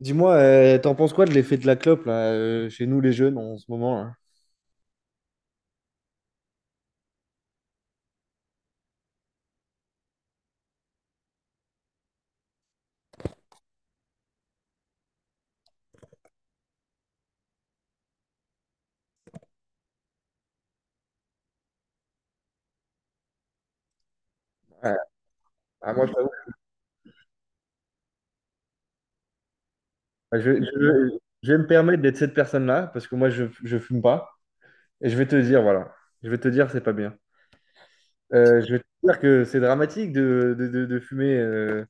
Dis-moi, t'en penses quoi de l'effet de la clope là, chez nous les jeunes en ce moment là? Ouais. Ah, moi, t'avoue, je, je- je vais me permettre d'être cette personne-là parce que moi je fume pas et je vais te dire, voilà, je vais te dire, c'est pas bien. Je vais te dire que c'est dramatique de fumer,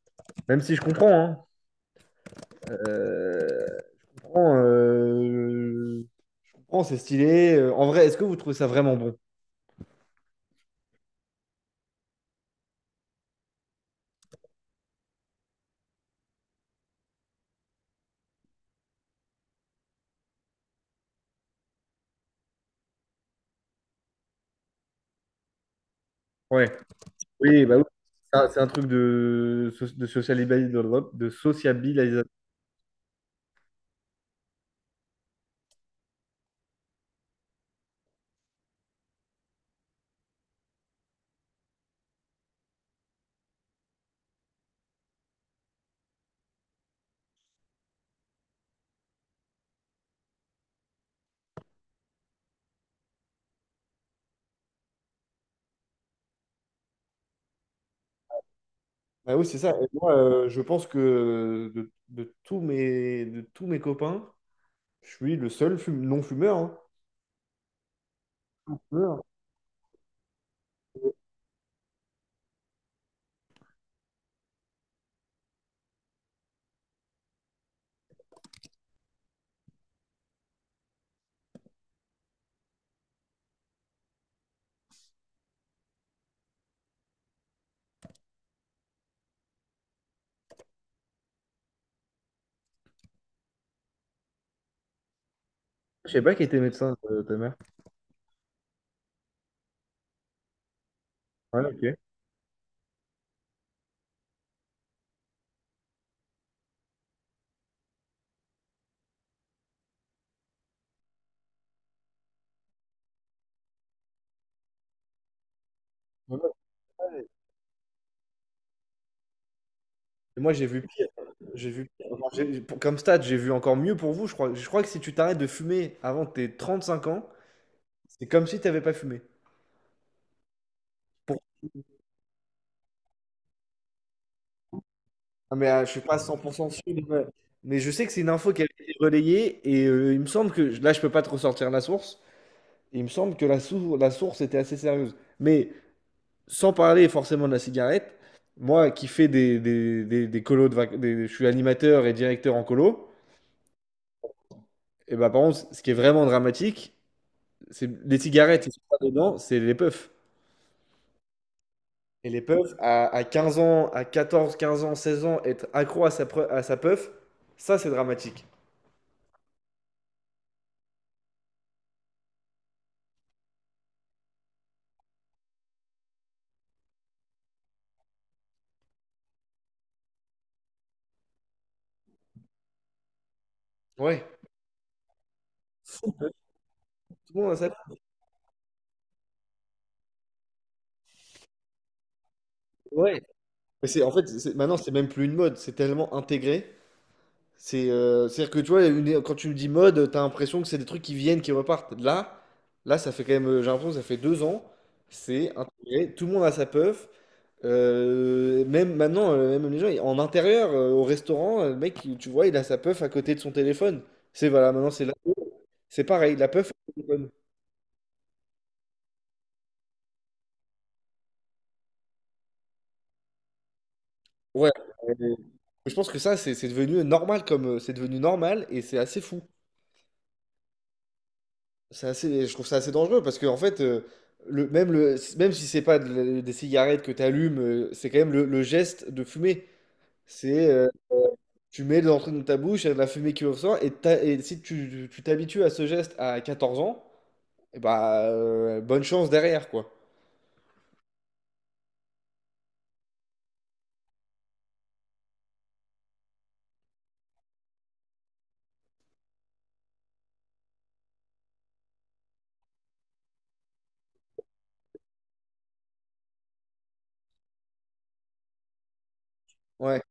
même si je comprends, hein. Euh, je comprends, euh, je comprends, c'est stylé. En vrai, est-ce que vous trouvez ça vraiment bon? Ouais. Oui, bah oui. Ça, c'est un truc de, so- de socialisabil- de sociabilisation. Bah oui, c'est ça. Et moi, je pense que de tous mes copains, je suis le seul non-fumeur, hein. Fumeur. Je sais pas qui était médecin, ta mère. Ouais, ok. Ouais, ouais. Et moi, j'ai vu pire. J'ai vu pire. Enfin, comme stade, j'ai vu encore mieux pour vous. Je crois que si tu t'arrêtes de fumer avant tes 35 ans, c'est comme si tu n'avais pas fumé. Pour... Ah, mais je suis pas 100% sûr. Mais je sais que c'est une info qui a été relayée et il me semble que là, je peux pas te ressortir la source. Il me semble que la source était assez sérieuse. Mais sans parler forcément de la cigarette, moi qui fais des colos je suis animateur et directeur en colo, et bah par contre, ce qui est vraiment dramatique, c'est les cigarettes, ils sont pas dedans, c'est les puffs. Et les puffs, à 15 ans, à 14, 15 ans, 16 ans, être accro à sa puff, ça c'est dramatique. Ouais. Tout le monde a sa puff. Ouais. Mais c'est, en fait, c'est- maintenant c'est même plus une mode, c'est tellement intégré. C'est-à-dire que tu vois, quand tu me dis mode, t'as l'impression que c'est des trucs qui viennent, qui repartent. Là, ça fait quand même, j'ai l'impression que ça fait 2 ans, c'est intégré, tout le monde a sa puff. Même maintenant, même les gens, en intérieur, au restaurant, le mec, tu vois, il a sa puff à côté de son téléphone. C'est voilà, maintenant c'est pareil, la puff et téléphone. Ouais. Euh, je pense que ça, c'est devenu normal comme, c'est devenu normal et c'est assez fou. Je trouve ça assez dangereux parce que en fait, même si c'est pas des cigarettes que tu allumes, c'est quand même le geste de fumer. C'est tu mets de l'entrée dans ta bouche, il y a de la fumée qui ressort et si tu t'habitues à ce geste à 14 ans, et bah bonne chance derrière quoi. Ouais, je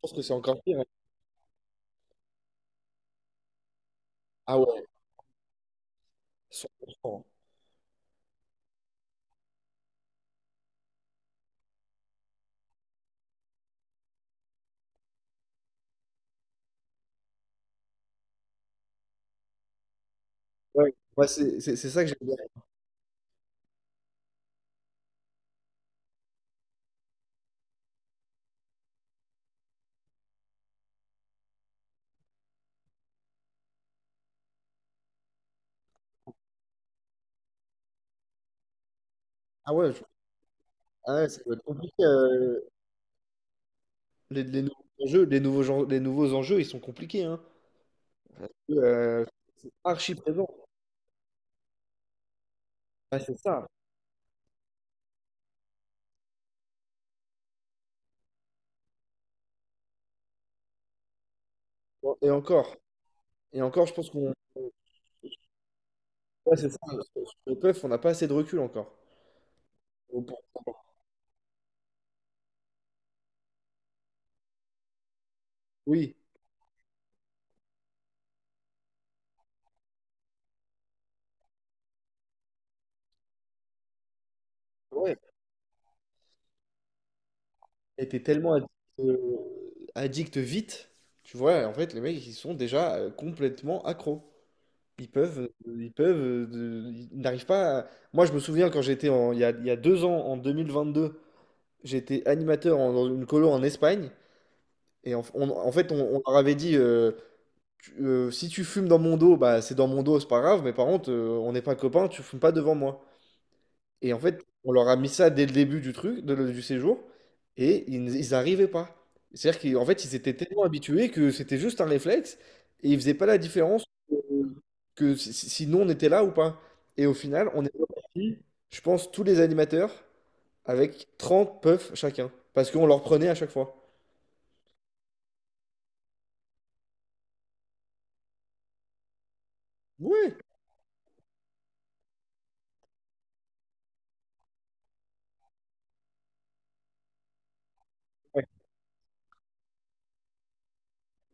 pense que c'est encore pire, hein. Ah ouais, 100%. Ouais, moi, c'est ça que j'aime bien. Ah ouais, ah ouais, ça doit être compliqué. Les nouveaux enjeux, ils sont compliqués, hein. Euh, archi présent. Ouais, c'est ça. Bon. Et encore, je pense qu'on... Ouais, c'est ça. Sur le PEUF, on n'a pas assez de recul encore. Au- pour- Oui, ouais. Et t'es tellement addict, euh, addict vite, tu vois. En fait, les mecs, ils sont déjà complètement accros. Ils n'arrivent pas à... Moi, je me souviens quand j'étais il y a 2 ans, en 2022, j'étais animateur dans une colo en Espagne. Et en fait, on leur avait dit. Si tu fumes dans mon dos, bah c'est dans mon dos, c'est pas grave, mais par contre, on n'est pas copains, tu fumes pas devant moi. Et en fait, on leur a mis ça dès le début du truc, du séjour, et ils arrivaient pas. C'est-à-dire qu'en fait, ils étaient tellement habitués que c'était juste un réflexe, et ils faisaient pas la différence que si nous on était là ou pas. Et au final, on est reparti, je pense, tous les animateurs, avec 30 puffs chacun, parce qu'on leur prenait à chaque fois. Ouais, ouais,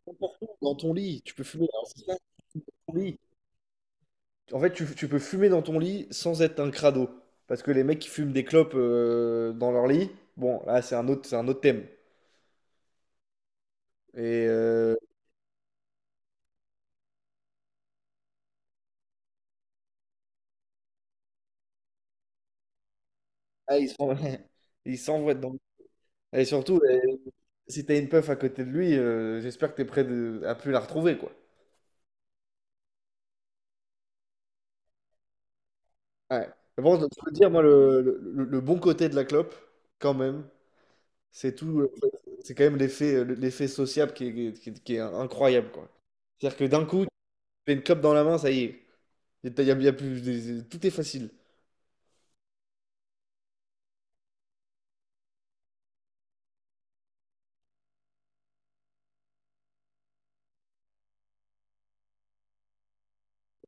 n'importe où, dans ton lit, tu peux fumer, alors c'est ça, dans ton lit. En fait, tu peux fumer dans ton lit sans être un crado. Parce que les mecs qui fument des clopes, dans leur lit, bon, là, c'est un autre thème. Et ah, ils s'envoient dedans. Et surtout, si t'as une puff à côté de lui, j'espère que t'es prêt à plus la retrouver, quoi. Ouais. Mais bon, je peux dire, moi, le bon côté de la clope, quand même, c'est tout. C'est quand même l'effet, l'effet sociable qui est incroyable, quoi. C'est-à-dire que d'un coup, tu fais une clope dans la main, ça y est. Y a plus, tout est facile.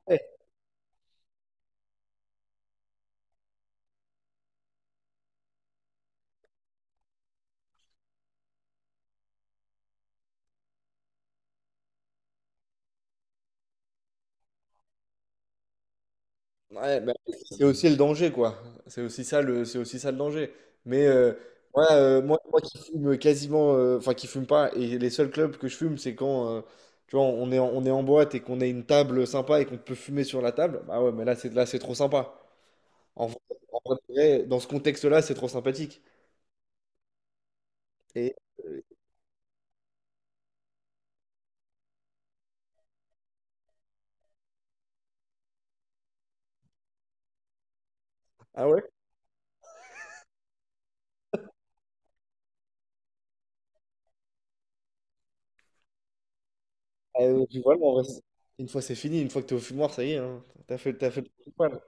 Ouais, ouais, bah, c'est aussi le danger, quoi. C'est aussi ça le danger. Mais moi qui fume quasiment, enfin qui fume pas, et les seuls clubs que je fume, c'est quand, tu vois, on est en boîte et qu'on a une table sympa et qu'on peut fumer sur la table. Bah ouais, mais là, c'est trop sympa. En vrai, en vrai, de vrai, dans ce contexte-là, c'est trop sympathique. Et euh, ah ouais, ah, Puis voilà, en vrai, une fois c'est fini, une fois que t'es au fumoir, ça y est, hein, t'as fait le principal.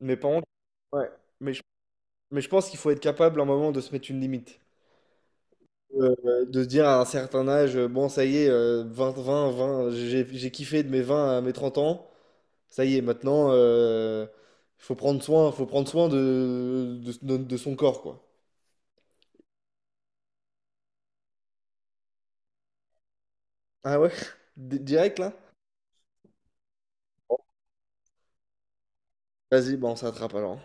Mais par contre, ouais, mais je, mais je pense qu'il faut être capable à un moment de se mettre une limite. De se dire à un certain âge, bon, ça y est, 20 20 20, j'ai kiffé de mes 20 à mes 30 ans, ça y est, maintenant, il faut prendre soin, de son corps, quoi. Ah ouais? Direct, là? Vas-y, bon, on s'attrape alors.